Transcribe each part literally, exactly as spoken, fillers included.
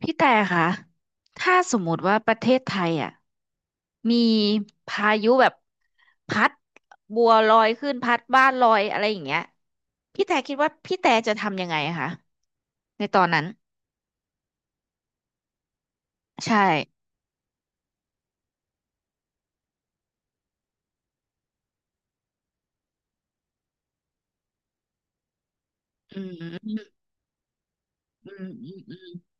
พี่แต่คะถ้าสมมติว่าประเทศไทยอ่ะมีพายุแบบพัดบัวลอยขึ้นพัดบ้านลอยอะไรอย่างเงี้ยพี่แต่คิดว่าพี่แต่จะทำยังไงอะคะในตอนนั้นใช่อืมอืมอืมอืมอืม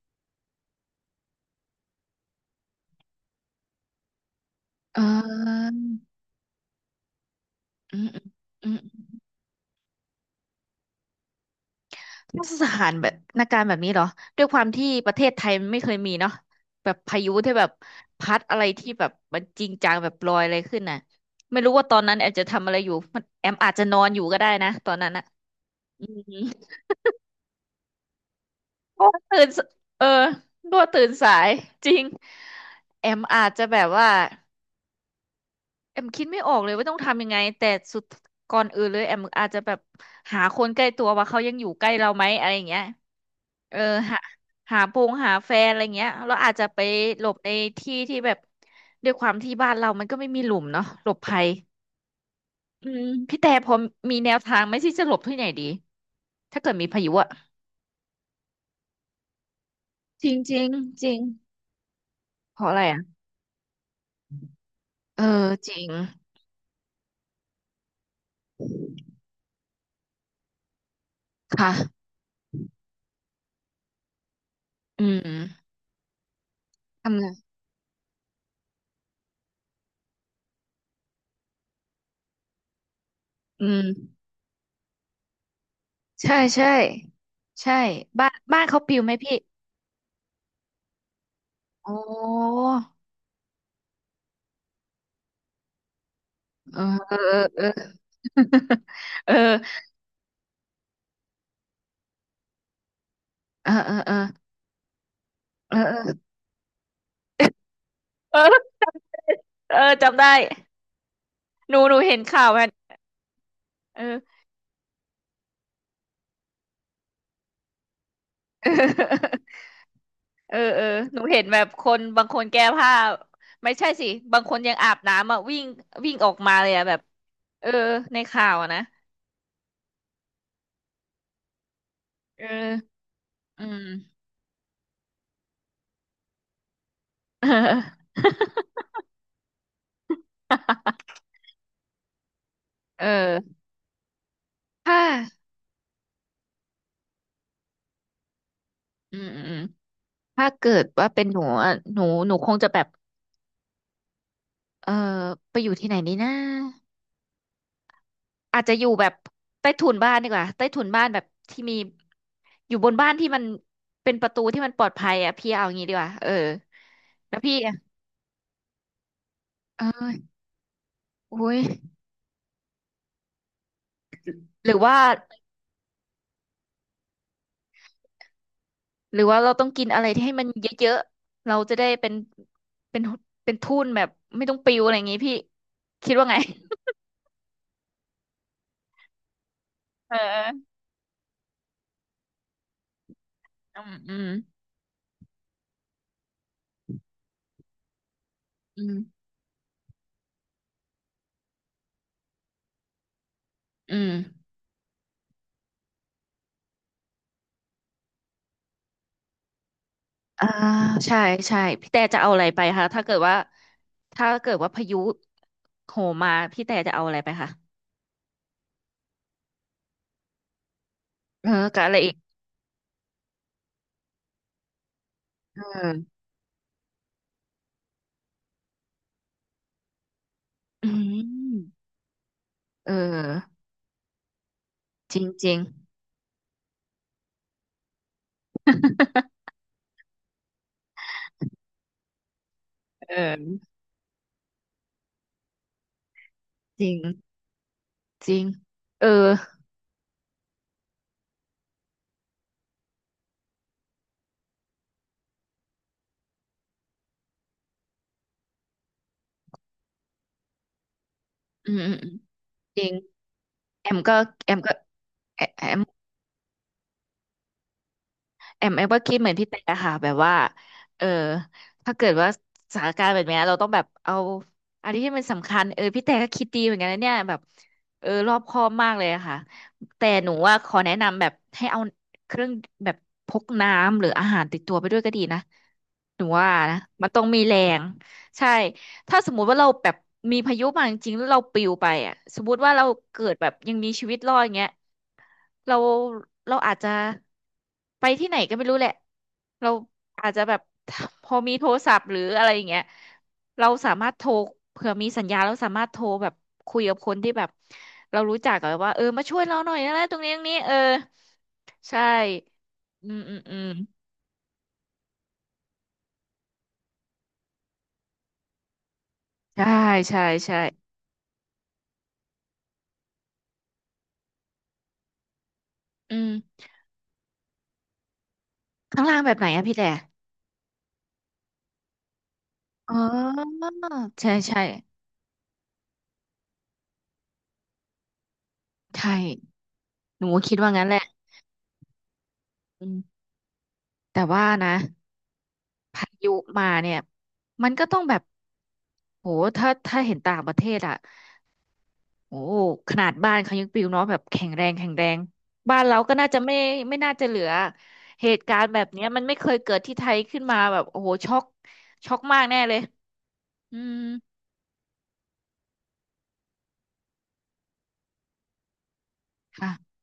เอออืมอืมอืม มาตรฐานแบบนาการแบบนี้เหรอด้วยความที่ประเทศไทยมันไม่เคยมีเนาะแบบพายุที่แบบพัดอะไรที่แบบมันจริงจังแบบลอยอะไรขึ้นน่ะไม่รู้ว่าตอนนั้นแอมจะทำอะไรอยู่มันแอมอาจจะนอนอยู่ก็ได้นะตอนนั้นอะอืมเพราะว่าตื่นสเออรั่วตื่นสายจริงแอมอาจจะแบบว่า แอมคิดไม่ออกเลยว่าต้องทำยังไงแต่สุดก่อนอื่นเลยแอมอาจจะแบบหาคนใกล้ตัวว่าเขายังอยู่ใกล้เราไหมอะไรอย่างเงี้ยเออหาหาโปรงหาแฟนอะไรเงี้ยเราอาจจะไปหลบในที่ที่แบบด้วยความที่บ้านเรามันก็ไม่มีหลุมเนาะหลบภัยอืมพี่แต่พอมีแนวทางไหมที่จะหลบที่ไหนดีถ้าเกิดมีพายุอะจริงจริงจริงเพราะอะไรอะเออจริงค่ะอืมทำไงอืม ใช่ใช่ใช่บ้านบ้านเขาปิวไหมพี่โอ้เออเออเออเออเออเออเออเออเออเออเออจำได้หนูหนูเห็นข่าวมันเออเออเออหนูเห็นแบบคนบางคนแก้ผ้าไม่ใช่สิบางคนยังอาบน้ำอ่ะวิ่งวิ่งออกมาเลยอ่ะแบบเออในข่าวอะนะเอออืมเออผ้าอืมอืม ถ้าเกิดว่าเป็นหนูอะหนูหนูคงจะแบบเออไปอยู่ที่ไหนนีนะอาจจะอยู่แบบใต้ถุนบ้านดีกว่าใต้ถุนบ้านแบบที่มี อยู่บนบ้านที่มัน เป็นประตูที่มันปลอดภัยอ่ะพี่เอาอย่างงี้ดีกว่าเออแล้วพี่อะเอออุ้ยหรือว่า หรือว่าเราต้องกินอะไรที่ให้มันเยอะๆเราจะได้เป็น เป็นเป็นทุ่นแบบไม่ต้องปิวอะไรอย่างงี้พี่ คิดว่าไงเอออืมอืมอืมอืม อ่าใช่ใช่พี่แต่จะเอาอะไรไปคะถ้าเกิดว่าถ้าเกิดว่าพายุโหมมาพี่แต่จะเอาอะไรไปคะเออกับอะไรอีกเอออืมเออจริงจริง เออจริงจริงเอออืมอืมอืมจริงแอมก็แอมก็แอแอม แอมแอมก็คิดเหมือนพี่แต่ค่ะแบบว่าเออถ้าเกิดว่าสถานการณ์แบบเนี้ยเราต้องแบบเอาอันนี้ที่มันสำคัญเออพี่แต่ก็คิดดีเหมือนกันนะเนี่ยแบบเออรอบคอบมากเลยอะค่ะแต่หนูว่าขอแนะนำแบบให้เอาเครื่องแบบพกน้ำหรืออาหารติดตัวไปด้วยก็ดีนะหนูว่านะมันต้องมีแรงใช่ถ้าสมมุติว่าเราแบบมีพายุมาจริงๆแล้วเราปลิวไปอ่ะสมมุติว่าเราเกิดแบบยังมีชีวิตรอดอย่างเงี้ย เราเราอาจจะไปที่ไหนก็ไม่รู้แหละเราอาจจะแบบ พอมีโทรศัพท์หรืออะไรอย่างเงี้ยเราสามารถโทรเผื่อมีสัญญาณเราสามารถโทรแบบคุยกับคนที่แบบเรารู้จักอะว่าเออมาช่วยเราหน่อยนะตรงนี้ตรงนี้เออใช่อืมอืมอืมใช่ใช่ใช่อืมข้างล่างแบบไหนอะพี่แต่อ๋อใช่ใช่ใช่หนูก็คิดว่างั้นแหละอืมแต่ว่านะ พายุมาเนี่ยมันก็ต้องแบบโหถ้าถ้าเห็นต่างประเทศอ่ะโอ้ขนาดบ้านเขายังปลิวเนาะแบบแข็งแรงแข็งแรงบ้านเราก็น่าจะไม่ไม่น่าจะเหลือเหตุการณ์แบบเนี้ยมันไม่เคยเกิดที่ไทยขึ้นมาแบบโอ้โหช็อกช็อกมากแน่เลยอืมค่ะ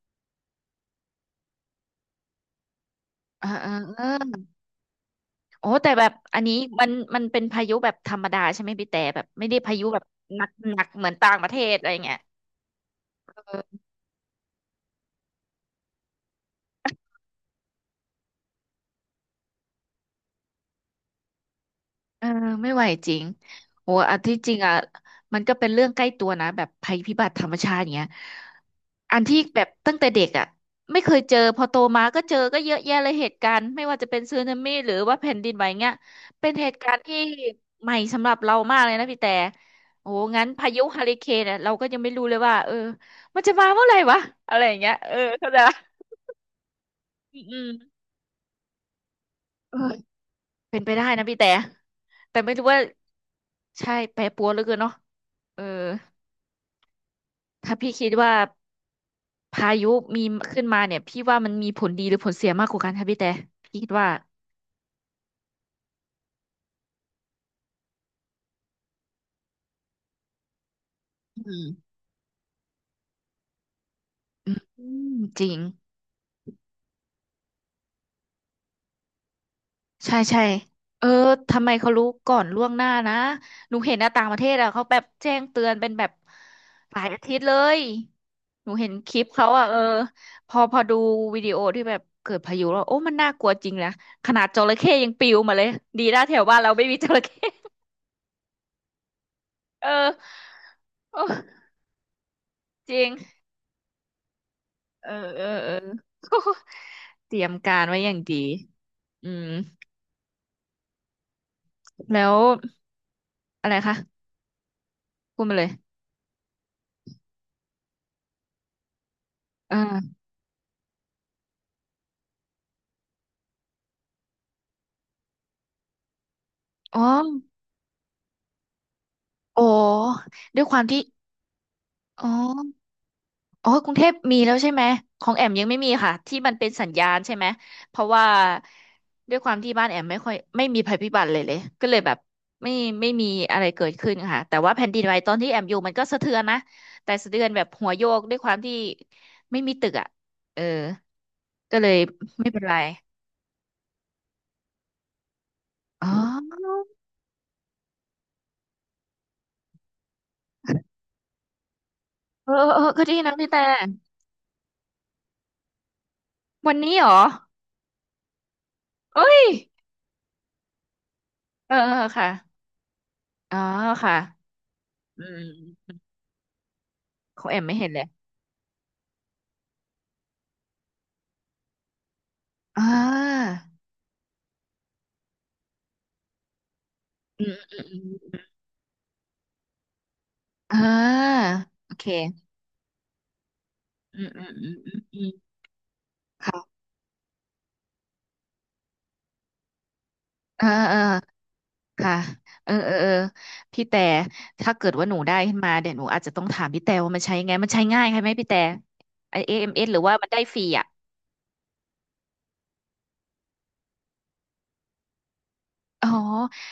เออเออเออโอ้แต่แบบอันนี้มันมันเป็นพายุแบบธรรมดาใช่ไหมพี่แต่แบบไม่ได้พายุแบบหนักหนักเหมือนต่างประเทศอะไรเงี้ยเออ เออไม่ไหวจริงโอ้อันที่จริงอ่ะมันก็เป็นเรื่องใกล้ตัวนะแบบภัยพิบัติธรรมชาติอย่างเงี้ยอันที่แบบตั้งแต่เด็กอ่ะไม่เคยเจอพอโตมาก็เจอก็เยอะแยะเลยเหตุการณ์ไม่ว่าจะเป็นสึนามิหรือว่าแผ่นดินไหวเงี้ยเป็นเหตุการณ์ที่ใหม่สำหรับเรามากเลยนะพี่แต่โอ้งั้นพายุฮาริเคนเนี่ยเราก็ยังไม่รู้เลยว่าเออมันจะมาเมื่อไหร่วะอะไรอย่างเงี้ยเออเข้าใจปะอืมอืมเออเป็นไปได้นะพี่แต่แต่ไม่รู้ว่า ใช่ แปรปรวนเหลือเกินเนาะเออถ้าพี่คิดว่าพายุมีขึ้นมาเนี่ย พี่ว่ามันมีผลดีหรือผลเสียมากกว่ากันคะพี่แต่พี่คิดว่าอืมอืมอืมจริง ใช่ใช่เออทำไมเขารู้ก่อนล่วงหน้านะ หนูเห็นนะต่างประเทศอ่ะเขาแบบแจ้งเตือนเป็นแบบหลายอาทิตย์เลย หนูเห็นคลิปเขาอ่ะเออพอพอดูวิดีโอที่แบบเกิดพายุแล้วโอ้มันน่ากลัวจริงนะขนาดจระเข้ยังปลิวมาเลยดีนะแถวบ้านเราไม่มีจระเข้ เออ จริงเออเออเออ เตรียมการไว้อย่างดีอืมแล้วอะไรคะพูดมาเลยเอออ๋อโอ้ด้วยความที่อ๋ออ๋อกรุงเทพมีแล้วใช่ไหม ของแอมยังไม่มีค่ะที่มันเป็นสัญญาณใช่ไหม เพราะว่าด้วยความที่บ้านแอมไม่ค่อยไม่มีภัยพิบัติเลยเลยก็เลยแบบไม่ไม่มีอะไรเกิดขึ้นค่ะแต่ว่าแผ่นดินไหวตอนที่แอมอยู่มันก็สะเทือนนะแต่สะเทือนแบบหัวโยกด้วยความที่ไม่มีตึกอ่ะเออ ก็เลยไม่เป็นไรอ๋อเออเออเออก็ดีนะพี่แต่วันนี้เหรอเอ้ยเออเออค่ะอ๋อค่ะอืมของแอมไม่เห็นเลยอ่าอืมอืมอืมอมอ่าโอเคอืมอืมอืมอืมอืมค่ะอ่าอ่าค่ะเออเออ เออ พี่แต่ถ้าเกิดว่าหนูได้ขึ้นมาเดี๋ยวหนูอาจจะต้องถามพี่แต่ว่ามันใช้ยังไง มันใช้ง่ายใช่ไหมพี่แต่ไอเอ็มเอสหรือว่ามันได้ฟรีอ่ะ อ๋อ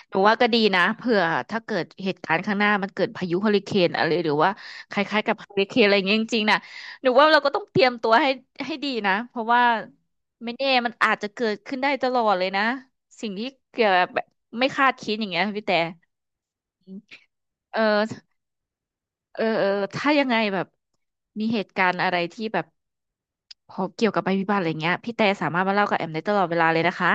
หนูว่าก็ดีนะเผื่อถ้าเกิดเหตุการณ์ข้างหน้ามันเกิดพายุเฮอริเคนอะไรหรือว่าคล้ายๆกับเฮอริเคนอะไรอย่างเงี้ยจริงๆนะหนูว่าเราก็ต้องเตรียมตัวให้ให้ดีนะเพราะว่าไม่แน่มันอาจจะเกิดขึ้นได้ตลอดเลยนะสิ่งที่เกี่ยวกับแบบไม่คาดคิดอย่างเงี้ยพี่แต่อืมเออเออเออถ้ายังไงแบบมีเหตุการณ์อะไรที่แบบพอเกี่ยวกับภัยพิบัติอะไรเงี้ยพี่แต่สามารถมาเล่ากับแอมได้ตลอดเวลาเลยนะคะ